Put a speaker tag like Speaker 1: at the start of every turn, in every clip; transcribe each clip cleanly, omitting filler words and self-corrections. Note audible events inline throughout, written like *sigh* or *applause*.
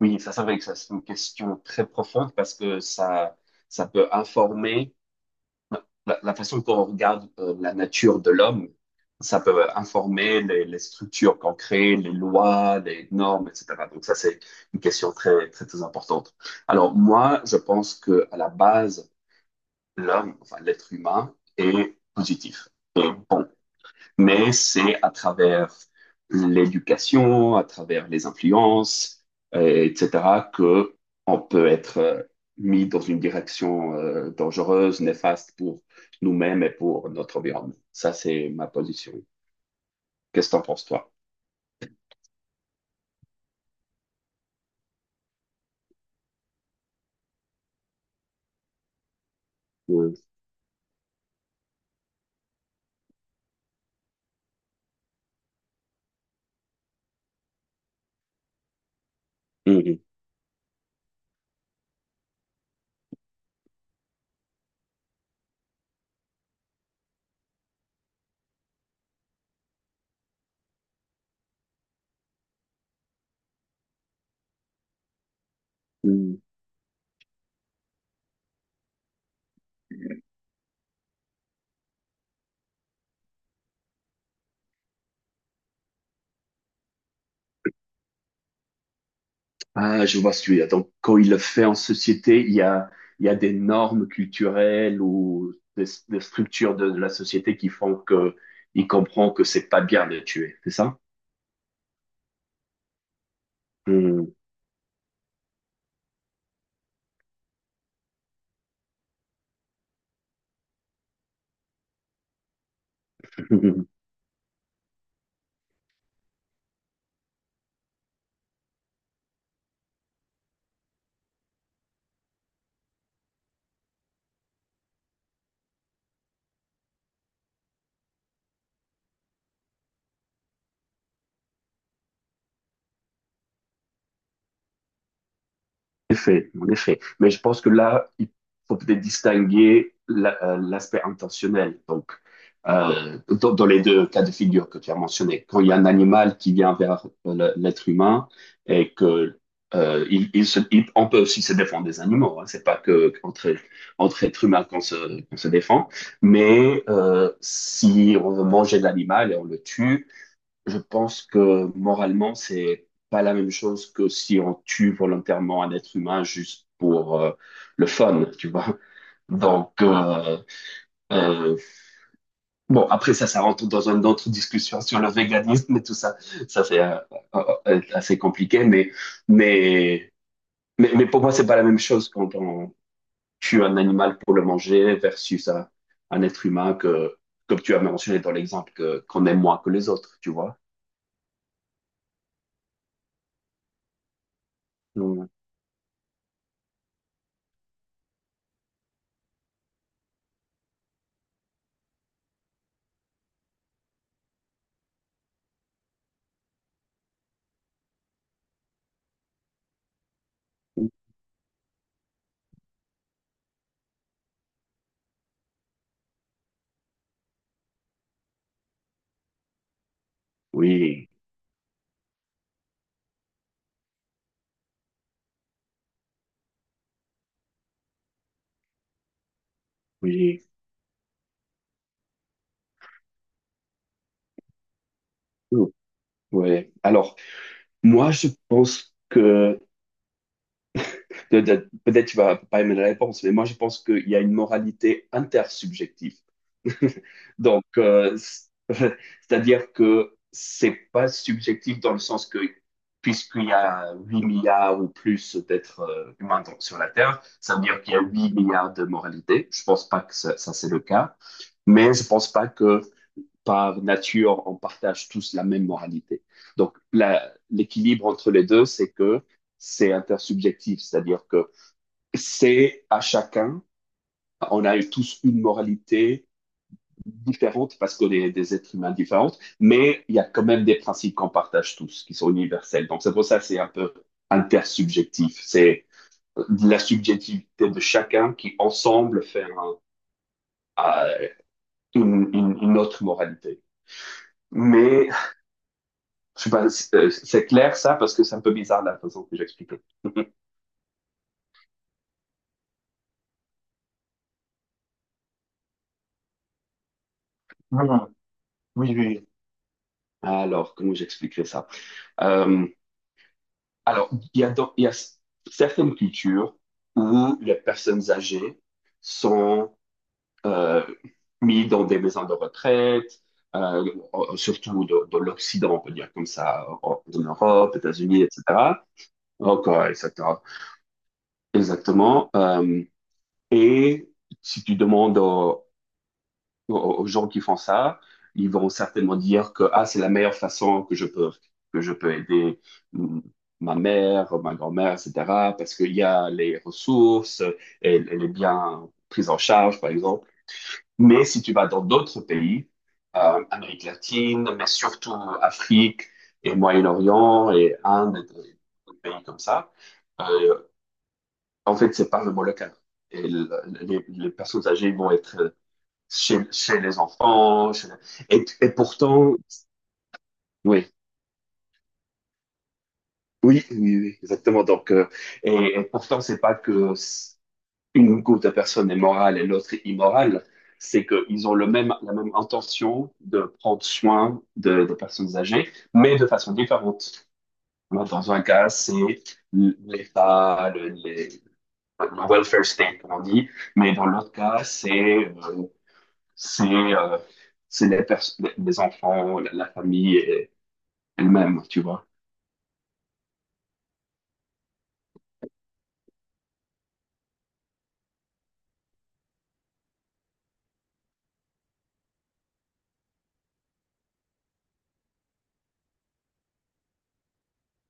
Speaker 1: Oui, ça c'est vrai que ça c'est une question très profonde parce que ça peut informer la façon qu'on regarde la nature de l'homme. Ça peut informer les structures qu'on crée, les lois, les normes, etc. Donc ça c'est une question très, très, très importante. Alors moi, je pense que à la base, l'homme, enfin l'être humain, est positif, mais c'est à travers l'éducation, à travers les influences, etc., que on peut être mis dans une direction dangereuse, néfaste pour nous-mêmes et pour notre environnement. Ça, c'est ma position. Qu'est-ce que t'en penses, toi? Ouais. Mhm. Mhm. Ah, je vois celui-là. Donc, quand il le fait en société, il y a des normes culturelles ou des structures de la société qui font que il comprend que c'est pas bien de tuer, c'est ça? Mhm. En effet, en effet. Mais je pense que là, il faut peut-être distinguer l'aspect intentionnel. Donc, dans les deux cas de figure que tu as mentionnés, quand il y a un animal qui vient vers l'être humain et que on peut aussi se défendre des animaux. Hein, c'est pas que entre êtres humains qu'on se défend. Mais si on veut manger l'animal et on le tue. Je pense que moralement, c'est pas la même chose que si on tue volontairement un être humain juste pour le fun, tu vois. Donc, euh, bon, après ça, ça rentre dans une autre discussion sur le véganisme et tout ça. Ça, c'est assez compliqué, mais, mais pour moi, c'est pas la même chose quand on tue un animal pour le manger versus un être humain que, comme tu as mentionné dans l'exemple, qu'on aime moins que les autres, tu vois. Donc, oui, oui. Oh, ouais. Alors, moi, je pense que peut-être peut-être tu vas pas aimer la réponse, mais moi, je pense qu'il y a une moralité intersubjective. *laughs* Donc, *laughs* c'est-à-dire que c'est pas subjectif dans le sens que, puisqu'il y a 8 milliards ou plus d'êtres humains sur la Terre, ça veut dire qu'il y a 8 milliards de moralités. Je pense pas que ça, c'est le cas, mais je pense pas que par nature, on partage tous la même moralité. Donc, l'équilibre entre les deux, c'est que c'est intersubjectif, c'est-à-dire que c'est à chacun, on a tous une moralité différente parce qu'on est des êtres humains différents, mais il y a quand même des principes qu'on partage tous, qui sont universels. Donc, c'est pour ça que c'est un peu intersubjectif. C'est la subjectivité de chacun qui, ensemble, fait une autre moralité. Mais je sais pas, c'est clair ça parce que c'est un peu bizarre la façon que j'explique. *laughs* Non, non, oui, oui, oui. Alors, comment j'expliquerai ça? Euh, alors, il y a, donc- il y a s- certaines cultures où les personnes âgées sont euh, mises dans des maisons de retraite, euh, surtout de l'Occident, on peut dire comme ça, en Europe, États-Unis, etc. Encore, etc. Exactement. Et si tu demandes aux gens qui font ça. Ils vont certainement dire que ah, c'est la meilleure façon que je peux aider mm, ma mère, ma grand-mère, etc. Parce qu'il y a les ressources, elle, elle est bien prise en charge, par exemple. Mais si tu vas dans d'autres pays, Amérique latine, mais surtout Afrique et Moyen-Orient et Inde, et des pays comme ça, euh, en fait, c'est pas vraiment le cas. Et les personnes âgées vont être chez les enfants. Et pourtant, oui, oui, oui, oui, exactement. Donc, et pourtant, c'est pas que une groupe de personnes est morale et l'autre est immorale. C'est qu'ils ont la même intention de prendre soin de personnes âgées, mais de façon différente. Alors, dans un cas, c'est l'État, le welfare state, comme on dit, mais dans l'autre cas, c'est euh, c'est euh, c'est les, pers- les enfants, la famille, elle-même, tu vois.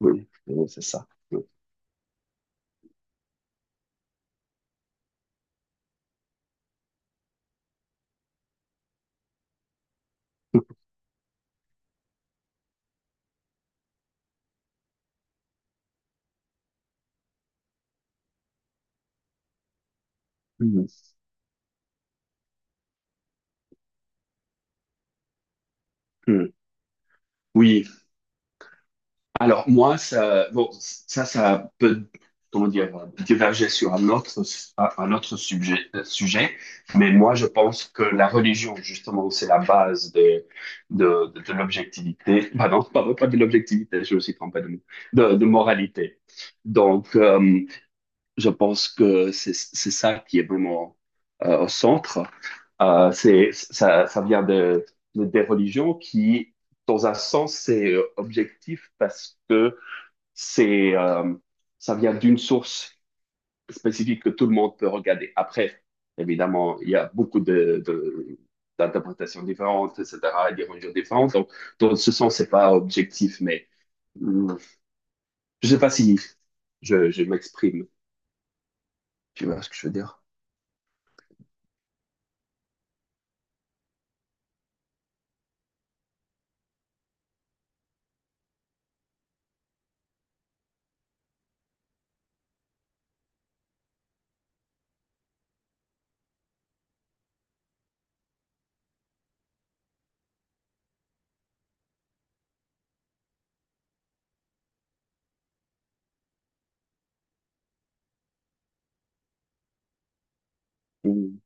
Speaker 1: Oui, oui, c'est ça. *laughs* Oui. Hmm. Hmm. Oui. Alors, moi, ça, bon, ça peut, comment dire, diverger sur un autre sujet, mais moi, je pense que la religion, justement, c'est la base de l'objectivité. Ah non, pardon, pas de l'objectivité, je me suis trompé de mot. De moralité. Donc, je pense que c'est ça qui est vraiment au centre. Ça, ça vient des religions qui, dans un sens, c'est objectif parce que c'est, euh, ça vient d'une source spécifique que tout le monde peut regarder. Après, évidemment, il y a beaucoup d'interprétations différentes, etc., et des religions différentes. Donc, dans ce sens, c'est pas objectif, mais mm, je sais pas si je m'exprime. Tu vois ce que je veux dire? Mm,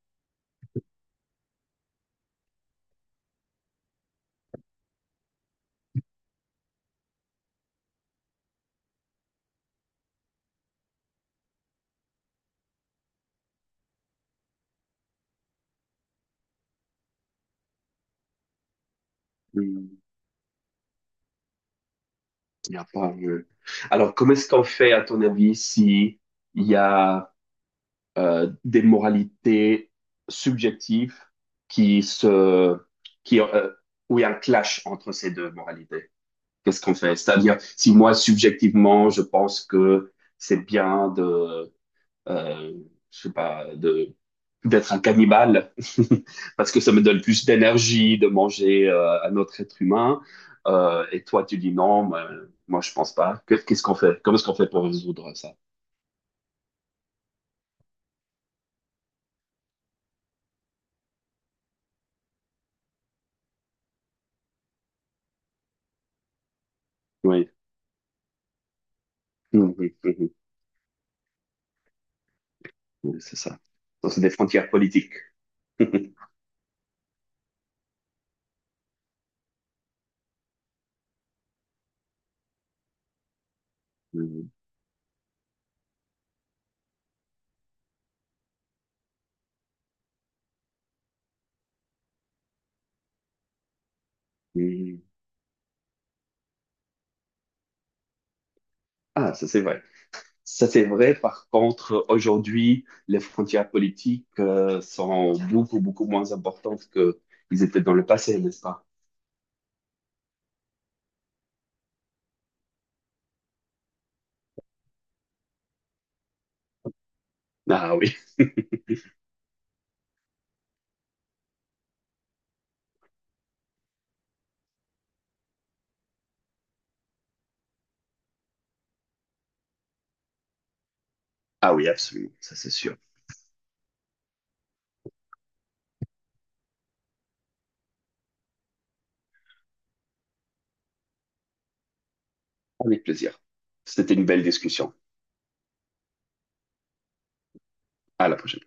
Speaker 1: mm, Il y a pas. Alors, comment est-ce qu'on fait, à ton avis, si il y a des moralités subjectives qui se, qui, euh, où il y a un clash entre ces deux moralités. Qu'est-ce qu'on fait? C'est-à-dire, si moi, subjectivement, je pense que c'est bien euh, je sais pas, d'être un cannibale, *laughs* parce que ça me donne plus d'énergie de manger un autre être humain, et toi, tu dis non, moi, moi je pense pas. Qu'est-ce qu'on fait? Comment est-ce qu'on fait pour résoudre ça? Oui. *laughs* Oui, c'est ça. Donc, c'est des frontières politiques. *laughs* Mhm. Ah, ça c'est vrai. Ça c'est vrai. Par contre, aujourd'hui, les frontières politiques sont beaucoup, beaucoup moins importantes que ils étaient dans le passé, n'est-ce pas? Ah oui, ah oui, absolument. Ça c'est sûr. Avec plaisir. C'était une belle discussion. À la prochaine.